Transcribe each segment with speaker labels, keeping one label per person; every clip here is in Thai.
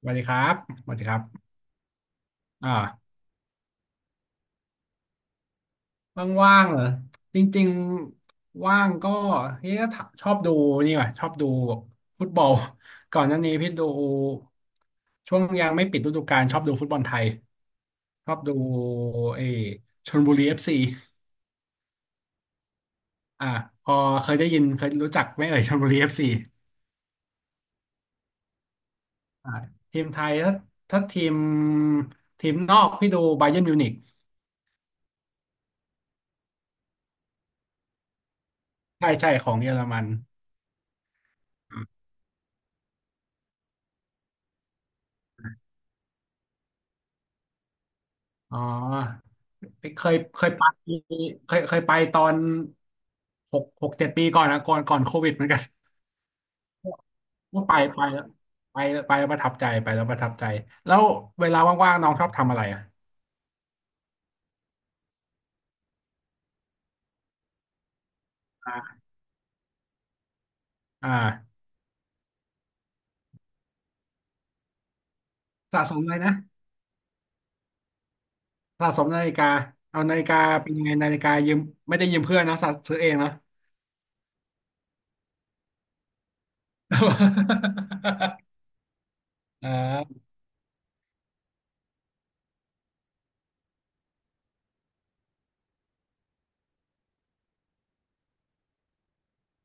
Speaker 1: สวัสดีครับสวัสดีครับอ่าว่างๆเหรอจริงๆว่างก็เฮ้ยก็ถชอบดูนี่ว่ะชอบดูฟุตบอล ก่อนหน้านี้พี่ดูช่วงยังไม่ปิดฤดูกาลชอบดูฟุตบอลไทยชอบดูเออชลบุรีเอฟซีอ่าพอเคยได้ยินเคยรู้จักไหมเอ่ยชลบุรีเอฟซีอ่าทีมไทยถ้าทีมนอกพี่ดูบาเยิร์นมิวนิกใช่ใช่ของเยอรมันอ๋อ เคยเคยไปเคยไปตอนหกเจ็ดปีก่อนนะก่อนโควิดเหมือนกัน ก็ไปไปแล้วประทับใจไปแล้วประทับใจแล้วเวลาว่างๆน้องชอบทำอะไรอ่ะอ่าอ่าสะสมอะไรนะสะสมนาฬิกาเอานาฬิกาเป็นยังไงนาฬิกายืมไม่ได้ยืมเพื่อนนะสะซื้อเองเนาะ อ่า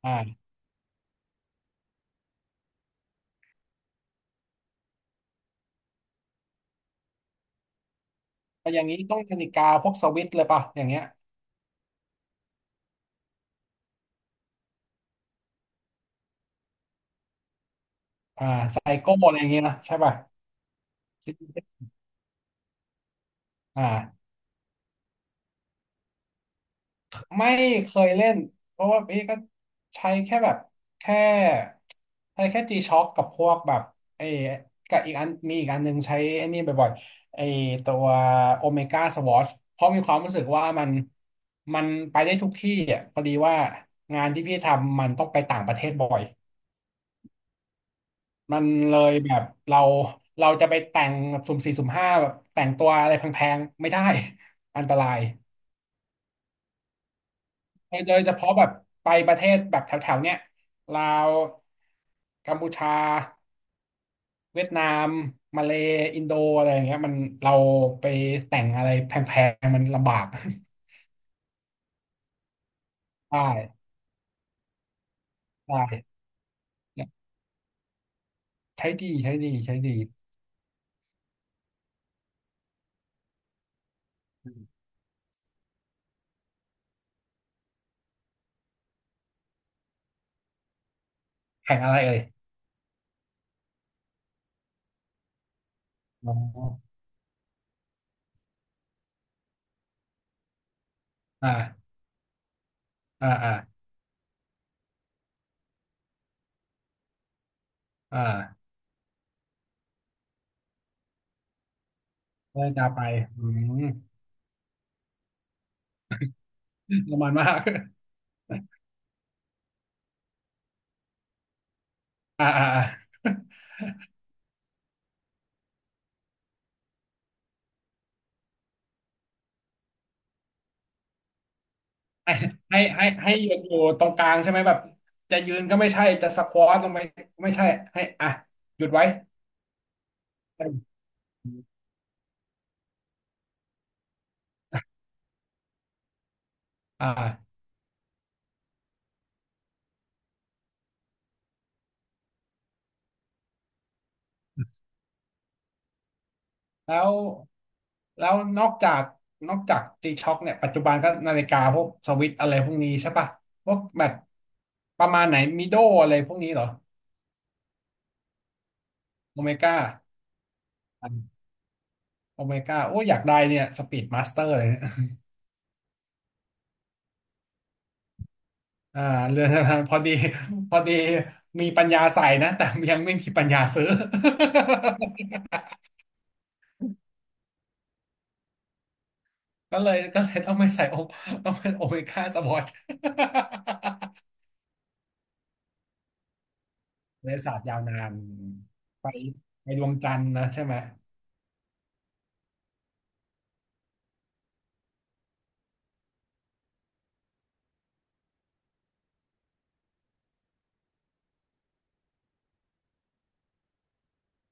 Speaker 1: อ่าแต่อย่างนี้ต้องนาฬิกาพวกสวิส์เลยป่ะอย่างเงี้ยอ่าไซโก้อะไรอย่างเงี้ยนะใช่ป่ะอ่า ไม่เคยเล่นเพราะว่าพี่ก็ใช้แค่แบบแค่ใช้แค่ G-Shock กับพวกแบบไอ้กับอีกอันมีอีกอันหนึงใช้ไอ้นี่บ่อยๆไอ้ตัวโอเมก้าสวอชเพราะมีความรู้สึกว่ามันไปได้ทุกที่อ่ะพอดีว่างานที่พี่ทำมันต้องไปต่างประเทศบ่อยมันเลยแบบเราเราจะไปแต่งแบบสุ่มสี่สุ่มห้าแบบแต่งตัวอะไรแพงๆไม่ได้ อันตราย โดยเฉพาะแบบไปประเทศแบบแถวๆเนี้ยลาวกัมพูชาเวียดนามมาเลย์อินโดอะไรอย่างเงี้ยมันเราไปแต่งอะไรแพงๆมันลำบาก ได้ได้ใช้ดีใช้ดีใช้ดีแข่งอะไรเอ่ยอ๋ออ่าอ่าอ่าอ่าได้จะไปอืมประมาณมา กอ่าอ่าอ่า ให้ยืนอยู่ตรงกลางใช่ไหมแบบจะยืนก็ไม่ใช่จะสควอตลงไปไม่ใช่ให้อ่ะหยุดไว้อ่าแล้วแล้วนอกจากตีช็อคเนี่ยปัจจุบันก็นาฬิกาพวกสวิตอะไรพวกนี้ใช่ปะพวกแบบประมาณไหนมิโดอะไรพวกนี้เหรอโอเมก้าโอเมก้าโอ้ยอยากได้เนี่ยสปีดมาสเตอร์เลยเนี่ยอ่าเรือนจำพอดีพอดีมีปัญญาใส่นะแต่ยังไม่มีปัญญาซื้อ ก็เลยต้องไม่ใส่โอต้องเป็นโอเมก้าสปอร์ต เลย ศาสตร์ยาวนานไปไปดวงจันทร์นะใช่ไหม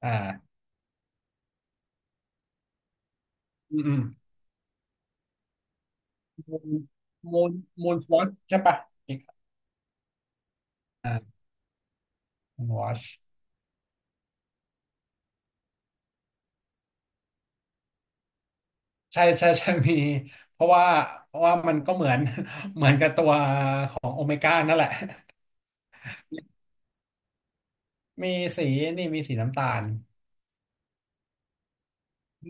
Speaker 1: อ่าอืมมูนมูนมูนวอชใช่ปะอีกอ่ามูนวอชใช่ใช่ใช่มีเพราะว่าเพราะว่ามันก็เหมือน เหมือนกับตัวของโอเมก้านั่นแหละ มีสีนี่มีสีน้ำตาล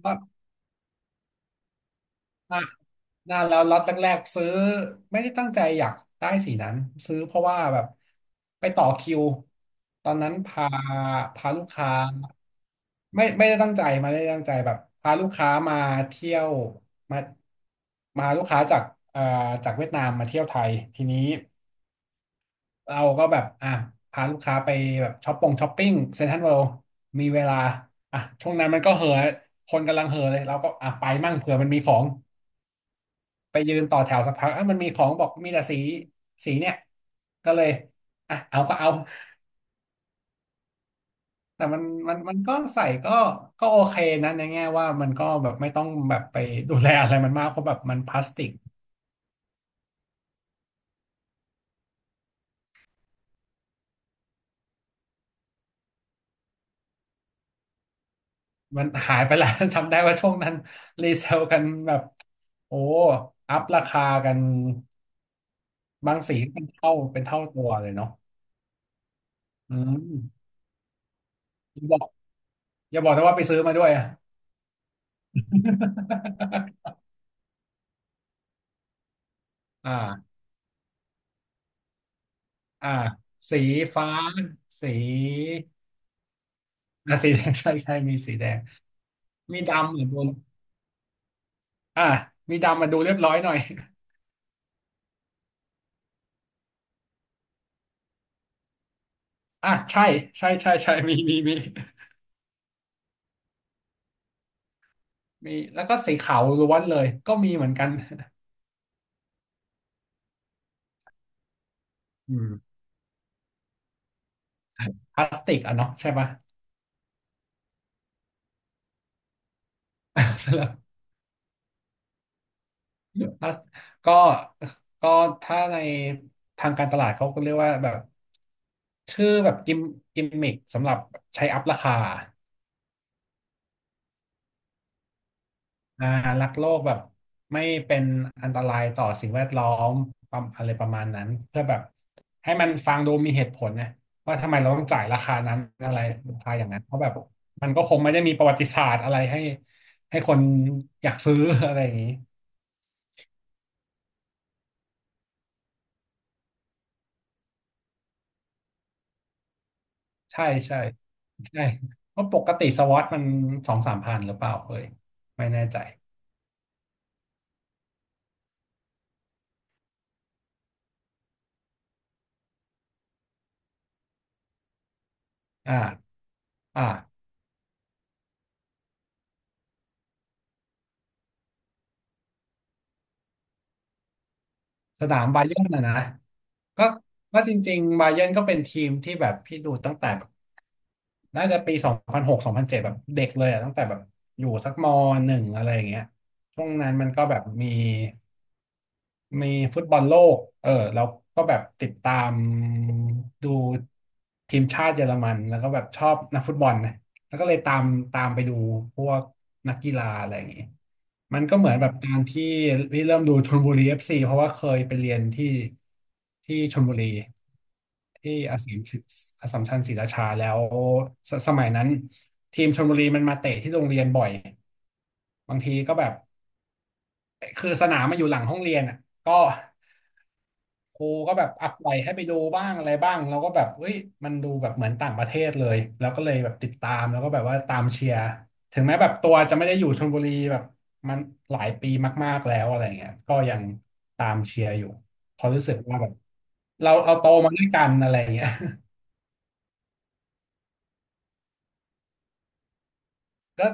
Speaker 1: ก็ น่าแล้วล็อตแรกๆซื้อไม่ได้ตั้งใจอยากได้สีนั้นซื้อเพราะว่าแบบไปต่อคิวตอนนั้นพาพาลูกค้าไม่ได้ตั้งใจมาไม่ได้ตั้งใจแบบพาลูกค้ามาเที่ยวมามาลูกค้าจากเอ่อจากเวียดนามมาเที่ยวไทยทีนี้เราก็แบบอ่ะพาลูกค้าไปแบบช้อปปงช้อปปิ้งเซ็นทรัลเวิลด์มีเวลาอ่ะช่วงนั้นมันก็เห่อะคนกำลังเห่อะเลยเราก็อ่ะไปมั่งเผื่อมันมีของ ไปยืนต่อแถวสักพักอ่ะมันมีของบอกมีแต่สีเนี่ย ก็เลยอ่ะเอาก็เอา แต่มันมันก็ใส่ก็โอเคนะในแง่ว่ามันก็แบบไม่ต้องแบบไปดูแลอะไรมันมากเพราะแบบมันพลาสติก มันหายไปแล้ว จำได้ว่าช่วงนั้นรีเซลกันแบบโอ้อัพราคากันบางสีเป็นเท่าเป็นเท่าตัวเลยเนาะอืมอย่าบอก อย่าบอกนะว่าไปซื้อมาด้วยอะ อ่าอ่าสีฟ้า สี อ่ะสีแดง ใช่ใช่มีสีแดงมีดำเหมือนบนอ่ะมีดำมาดูเรียบร้อยหน่อย อ่ะใช่ใช่ใช่ใช่มีมีมีมีแล้วก็สีขาวล้วนเลยก็มีเหมือนกัน อืมพลาสติกอ่ะเนาะใช่ปะ สำหรับพลาสก็ก็ถ้าในทางการตลาดเขาก็เรียกว่าแบบชื่อแบบกิมมิคสำหรับใช้อัพราคา อ่ารักโลกแบบไม่เป็นอันตรายต่อสิ่งแวดล้อมประมาณอะไรประมาณนั้นเพื่อแบบให้มันฟังดูมีเหตุผลนะว่าทำไมเราต้องจ่ายราคานั้นอะไรราคาอย่างนั้นเพราะแบบมันก็คงไม่ได้มีประวัติศาสตร์อะไรให้ให้คนอยากซื้อ อะไรอย่างนี้ใช่ใช่ใช่เพราะปกติสวอตมันสองสามพันหรือเปล่าเอ้ยไม่แน่ใจอ่าอ่าสนามบาเยิร์นนะนะก็ก็จริงๆบาเยิร์นก็เป็นทีมที่แบบพี่ดูตั้งแต่ น่าจะปี20062007แบบเด็กเลยอะตั้งแต่แบบอยู่สักม.1อะไรอย่างเงี้ยช่วงนั้นมันก็แบบมี มีฟุตบอลโลกแล้วก็แบบติดตามดูทีมชาติเยอรมันแล้วก็แบบชอบนักฟุตบอลนะแล้วก็เลยตามไปดูพวกนักกีฬาอะไรอย่างงี้มันก็เหมือนแบบการที่เริ่มดูชลบุรีเอฟซีเพราะว่าเคยไปเรียนที่ชลบุรีที่อาสสัมชัญอสสัมชัญศรีราชาแล้วสสมัยนั้นทีมชลบุรีมันมาเตะที่โรงเรียนบ่อยบางทีก็แบบ คือสนามมาอยู่หลังห้องเรียนอ่ะก็ครูก็แบบอัปไลให้ไปดูบ้างอะไรบ้างเราก็แบบเฮ้ยมันดูแบบเหมือนต่างประเทศเลยแล้วก็เลยแบบติดตามแล้วก็แบบว่าตามเชียร์ถึงแม้แบบตัวจะไม่ได้อยู่ชลบุรีแบบมันหลายปีมากๆแล้วอะไรเงี้ยก็ยังตามเชียร์อยู่เพราะรู้สึกว่าแบบเราโตมาด้วยกันอะไรเงี้ย ก็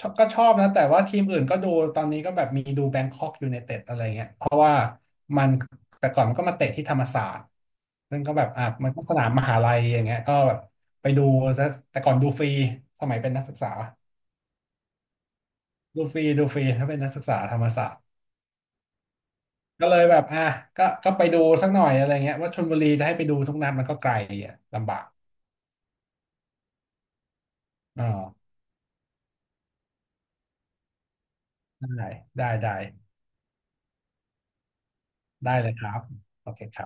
Speaker 1: ชอบก็ชอบนะแต่ว่าทีมอื่นก็ดูตอนนี้ก็แบบมีดูแบงคอกยู n นเต็ดอะไรเงี้ยเพราะว่ามันแต่ก่อนมันก็มาเตะที่ธรรมศาสตร์ซึ่งก็แบบอ่ะมันก็สนามมหาลัยอย่างเงี้ยก็แบบไปดูซะแต่ก่อนดูฟรีสมัยเป็นนักศึกษาดูฟรีดูฟรีถ้าเป็นนักศึกษาธรรมศาสตร์ก็เลยแบบอ่ะก็ไปดูสักหน่อยอะไรเงี้ยว่าชลบุรีจะให้ไปดูทุกนัดมันก็ไกลอ่ะลำบากอ๋อได้ได้ได้ได้เลยครับโอเคครับ